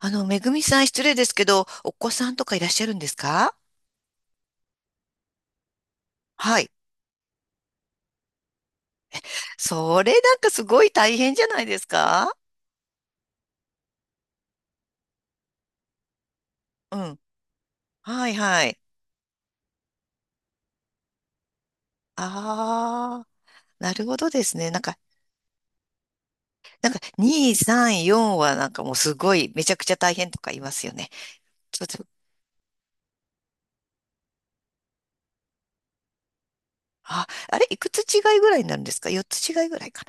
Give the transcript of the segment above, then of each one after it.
めぐみさん、失礼ですけど、お子さんとかいらっしゃるんですか？はい。それ、なんかすごい大変じゃないですか？うん。はいはい。ああ、なるほどですね。なんか、2、3、4はなんかもうすごい、めちゃくちゃ大変とか言いますよね。ちょっと、あ、あれ、いくつ違いぐらいになるんですか？ 4 つ違いぐらいか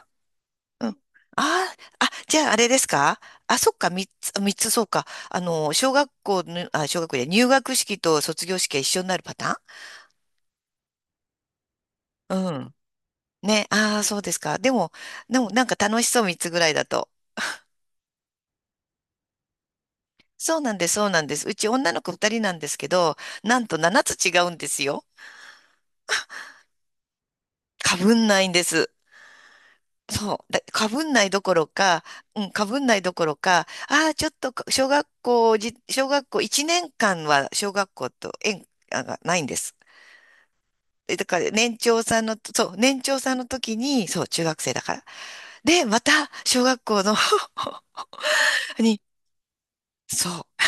な。うん。ああ、あ、じゃあ、あれですか？あ、そっか、3つ、そうか。小学校で入学式と卒業式が一緒になるパターン。うん。ね、ああ、そうですか。でも、でもなんか楽しそう、3つぐらいだと。そうなんです、そうなんです。うち女の子2人なんですけど、なんと7つ違うんですよ。かぶんないんです。そう。だかぶんないどころか、うん、かぶんないどころか、ああ、ちょっとか小学校1年間は小学校とがないんです。だから年長さんの時に、そう、中学生だから。で、また小学校の に、そう。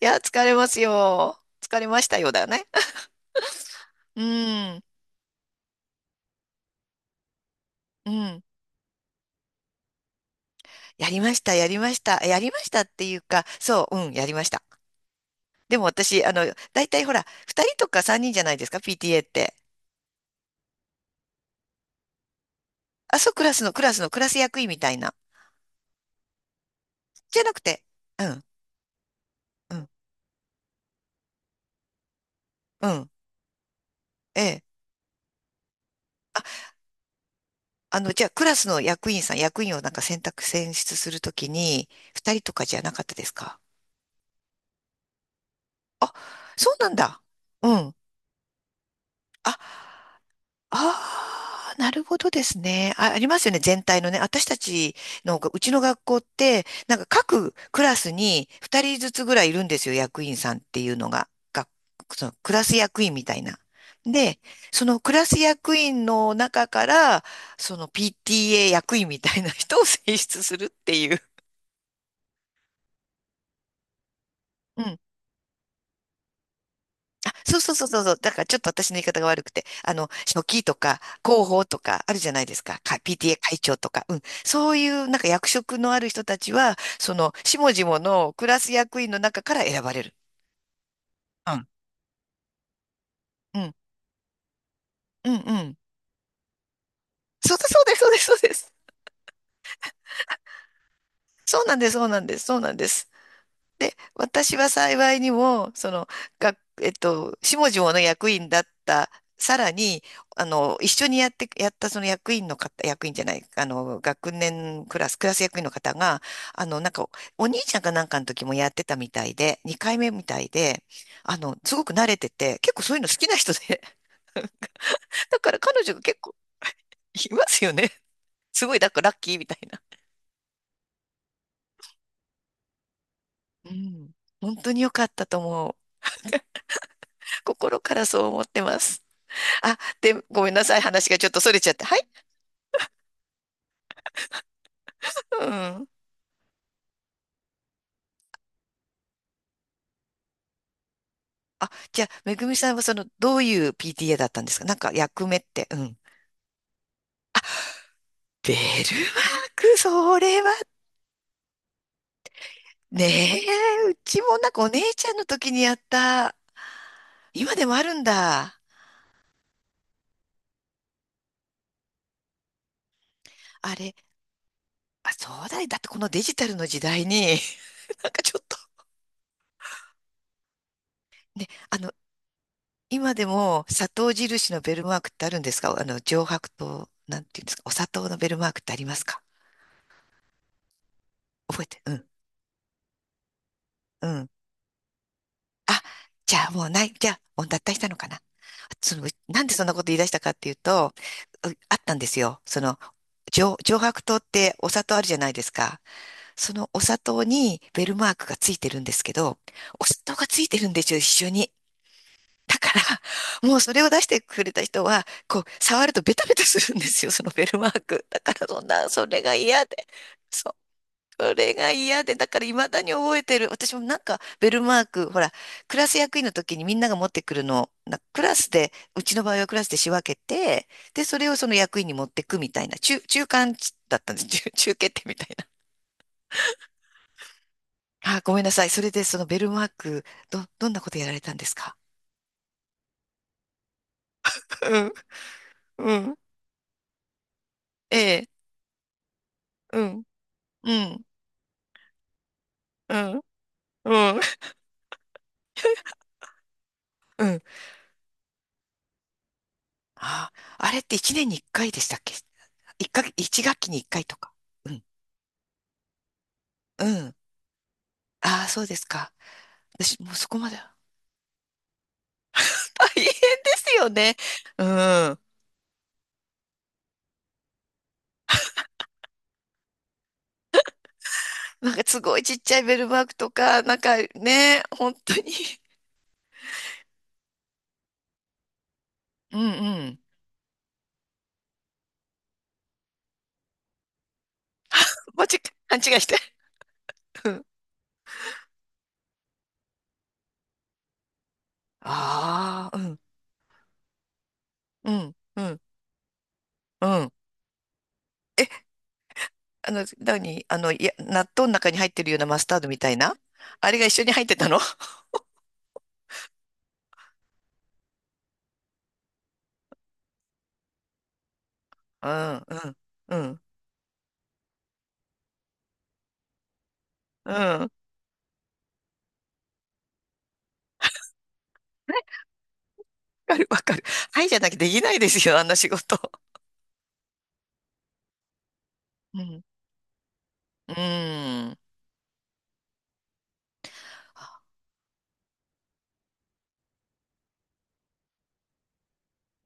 いや、疲れますよ。疲れましたよ、だよね。うん、うん。やりました、やりました。やりましたっていうか、そう、うん、やりました。でも私、大体ほら、二人とか三人じゃないですか、PTA って。あ、そう、クラス役員みたいな。じゃなくて、うん、うん、うん、ええ。じゃあ、クラスの役員をなんか選出するときに、二人とかじゃなかったですか？あ、そうなんだ。うん。あ、ああ、なるほどですね。あ、ありますよね、全体のね。私たちのが、うちの学校って、なんか各クラスに2人ずつぐらいいるんですよ、役員さんっていうのが。が、そのクラス役員みたいな。で、そのクラス役員の中から、その PTA 役員みたいな人を選出するっていう。あ、そうそうそうそうそう。だからちょっと私の言い方が悪くて、書記とか広報とかあるじゃないですか。PTA 会長とか。うん。そういうなんか役職のある人たちは、その、下々のクラス役員の中から選ばれる。うん。うん。うん。うん。そうだ、そうです、そうです、そうです。そうなんです、そうなんです、そうなんです。で、私は幸いにも、その、が下々の役員だった、さらに、一緒にやって、やったその役員の方、役員じゃない、学年クラス、クラス役員の方が、あの、なんか、お兄ちゃんかなんかの時もやってたみたいで、2回目みたいで、すごく慣れてて、結構そういうの好きな人で、だから彼女が結構いますよね。すごい、だからラッキーみたいな。うん。本当に良かったと思う。心からそう思ってます。あ、で、ごめんなさい。話がちょっと逸れちゃって。はい。うん。あ、じゃあ、めぐみさんはその、どういう PTA だったんですか？なんか役目って。うん。ベルマーク、それは？ねえ、うちもなんかお姉ちゃんの時にやった。今でもあるんだ。あれ、あ、そうだよ。だってこのデジタルの時代に、なんかちょっと、ね、今でも砂糖印のベルマークってあるんですか？上白糖、なんていうんですか？お砂糖のベルマークってありますか？覚えて、うんうん。あ、じゃあ、もう脱退したのかな。その、なんでそんなこと言い出したかっていうと、あったんですよ。その、上白糖ってお砂糖あるじゃないですか。そのお砂糖にベルマークがついてるんですけど、お砂糖がついてるんですよ、一緒に。だから、もうそれを出してくれた人は、こう、触るとベタベタするんですよ、そのベルマーク。だから、そんな、それが嫌で。それが嫌で、だから未だに覚えてる。私もベルマーク、ほら、クラス役員の時にみんなが持ってくるのを、クラスで、うちの場合はクラスで仕分けて、で、それをその役員に持ってくみたいな、中間だったんです。中決定みたいな。あ、ごめんなさい。それで、そのベルマーク、どんなことやられたんですか？うん、うん、ええ、うん、うん、うん、うん、うん。あ、あれって1年に1回でしたっけ？一学期に1回とか。うん、うん。ああ、そうですか。私、もうそこまでは。大変ですよね。うん。なんかすごいちっちゃいベルマークとか、なんかね、本当に。うんうん。間違、勘違いして。うん。ああ、うん、うん、うん、うん。え、何あの、いや、納豆の中に入ってるようなマスタードみたいな、あれが一緒に入ってたの？うんうん、うん、うん。わかる、わかる。はい、じゃなきゃできないですよ、あんな仕事。うん。うん。あ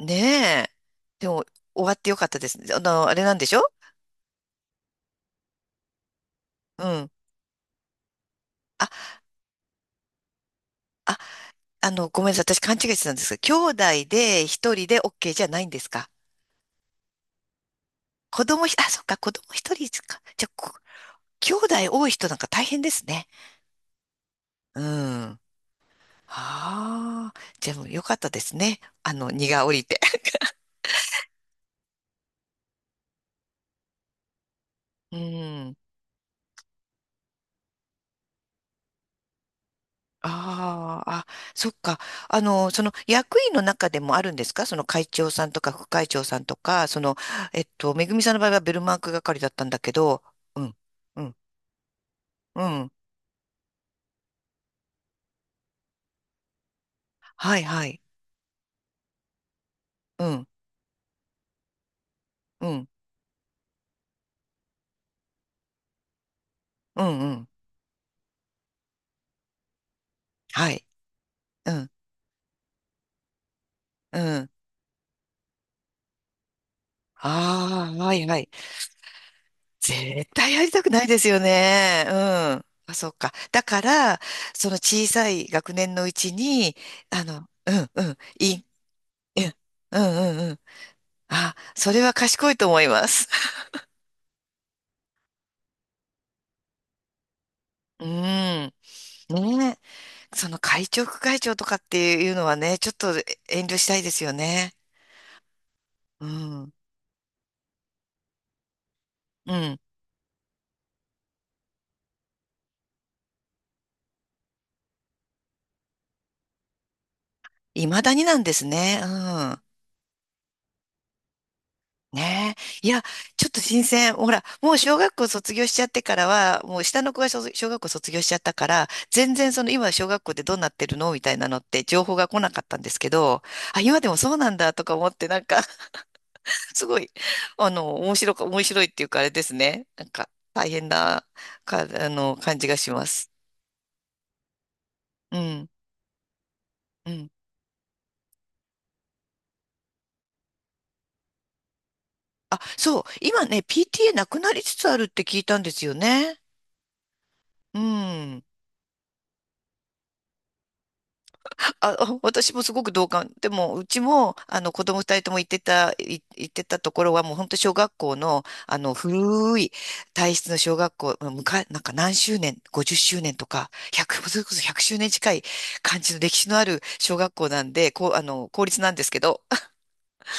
ねえ。でも、終わってよかったですね。あれなんでしょ？うん。あ、あ、ごめんなさい。私勘違いしてたんですが、兄弟で一人で OK じゃないんですか？子供ひ、あ、そっか、子供一人か。じゃあ、兄弟多い人なんか大変ですね。うん。ああ、じゃあもうよかったですね。荷が降りて。うん。ああ、あ、そっか。その役員の中でもあるんですか？その会長さんとか副会長さんとか、その、めぐみさんの場合はベルマーク係だったんだけど、うん、うん、うん、はいはい、うん、うん、うん、うん、はい、うん、うん、ああ、はいはい。絶対やりたくないですよね。うん。あ、そっか。だから、その小さい学年のうちに、うん、うん、うん、うん、うん、うん。あ、それは賢いと思います。うん。ねえ。その会長、副会長とかっていうのはね、ちょっと遠慮したいですよね。うん。うん。未だになんですね。うん。ねえ。いや、ちょっと新鮮。ほら、もう小学校卒業しちゃってからは、もう下の子が小学校卒業しちゃったから、全然その今小学校でどうなってるのみたいなのって情報が来なかったんですけど、あ、今でもそうなんだとか思ってなんか すごい、面白いっていうかあれですね。なんか、大変な、か、あの、感じがします。うん、うん。あ、そう、今ね、PTA なくなりつつあるって聞いたんですよね。うん。あ、私もすごく同感。でも、うちも、子供二人とも行ってたところは、もう本当小学校の、古い体質の小学校、なんか何周年、50周年とか、100、それこそ周年近い感じの歴史のある小学校なんで、こう、公立なんですけど、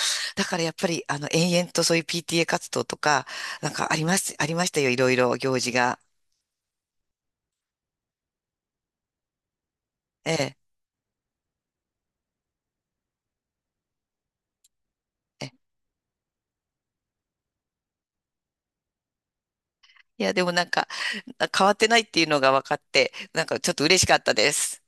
だからやっぱり、延々とそういう PTA 活動とか、あります、ありましたよ、いろいろ行事が。ええ。ええ、いや、でもなんか、変わってないっていうのが分かって、なんかちょっと嬉しかったです。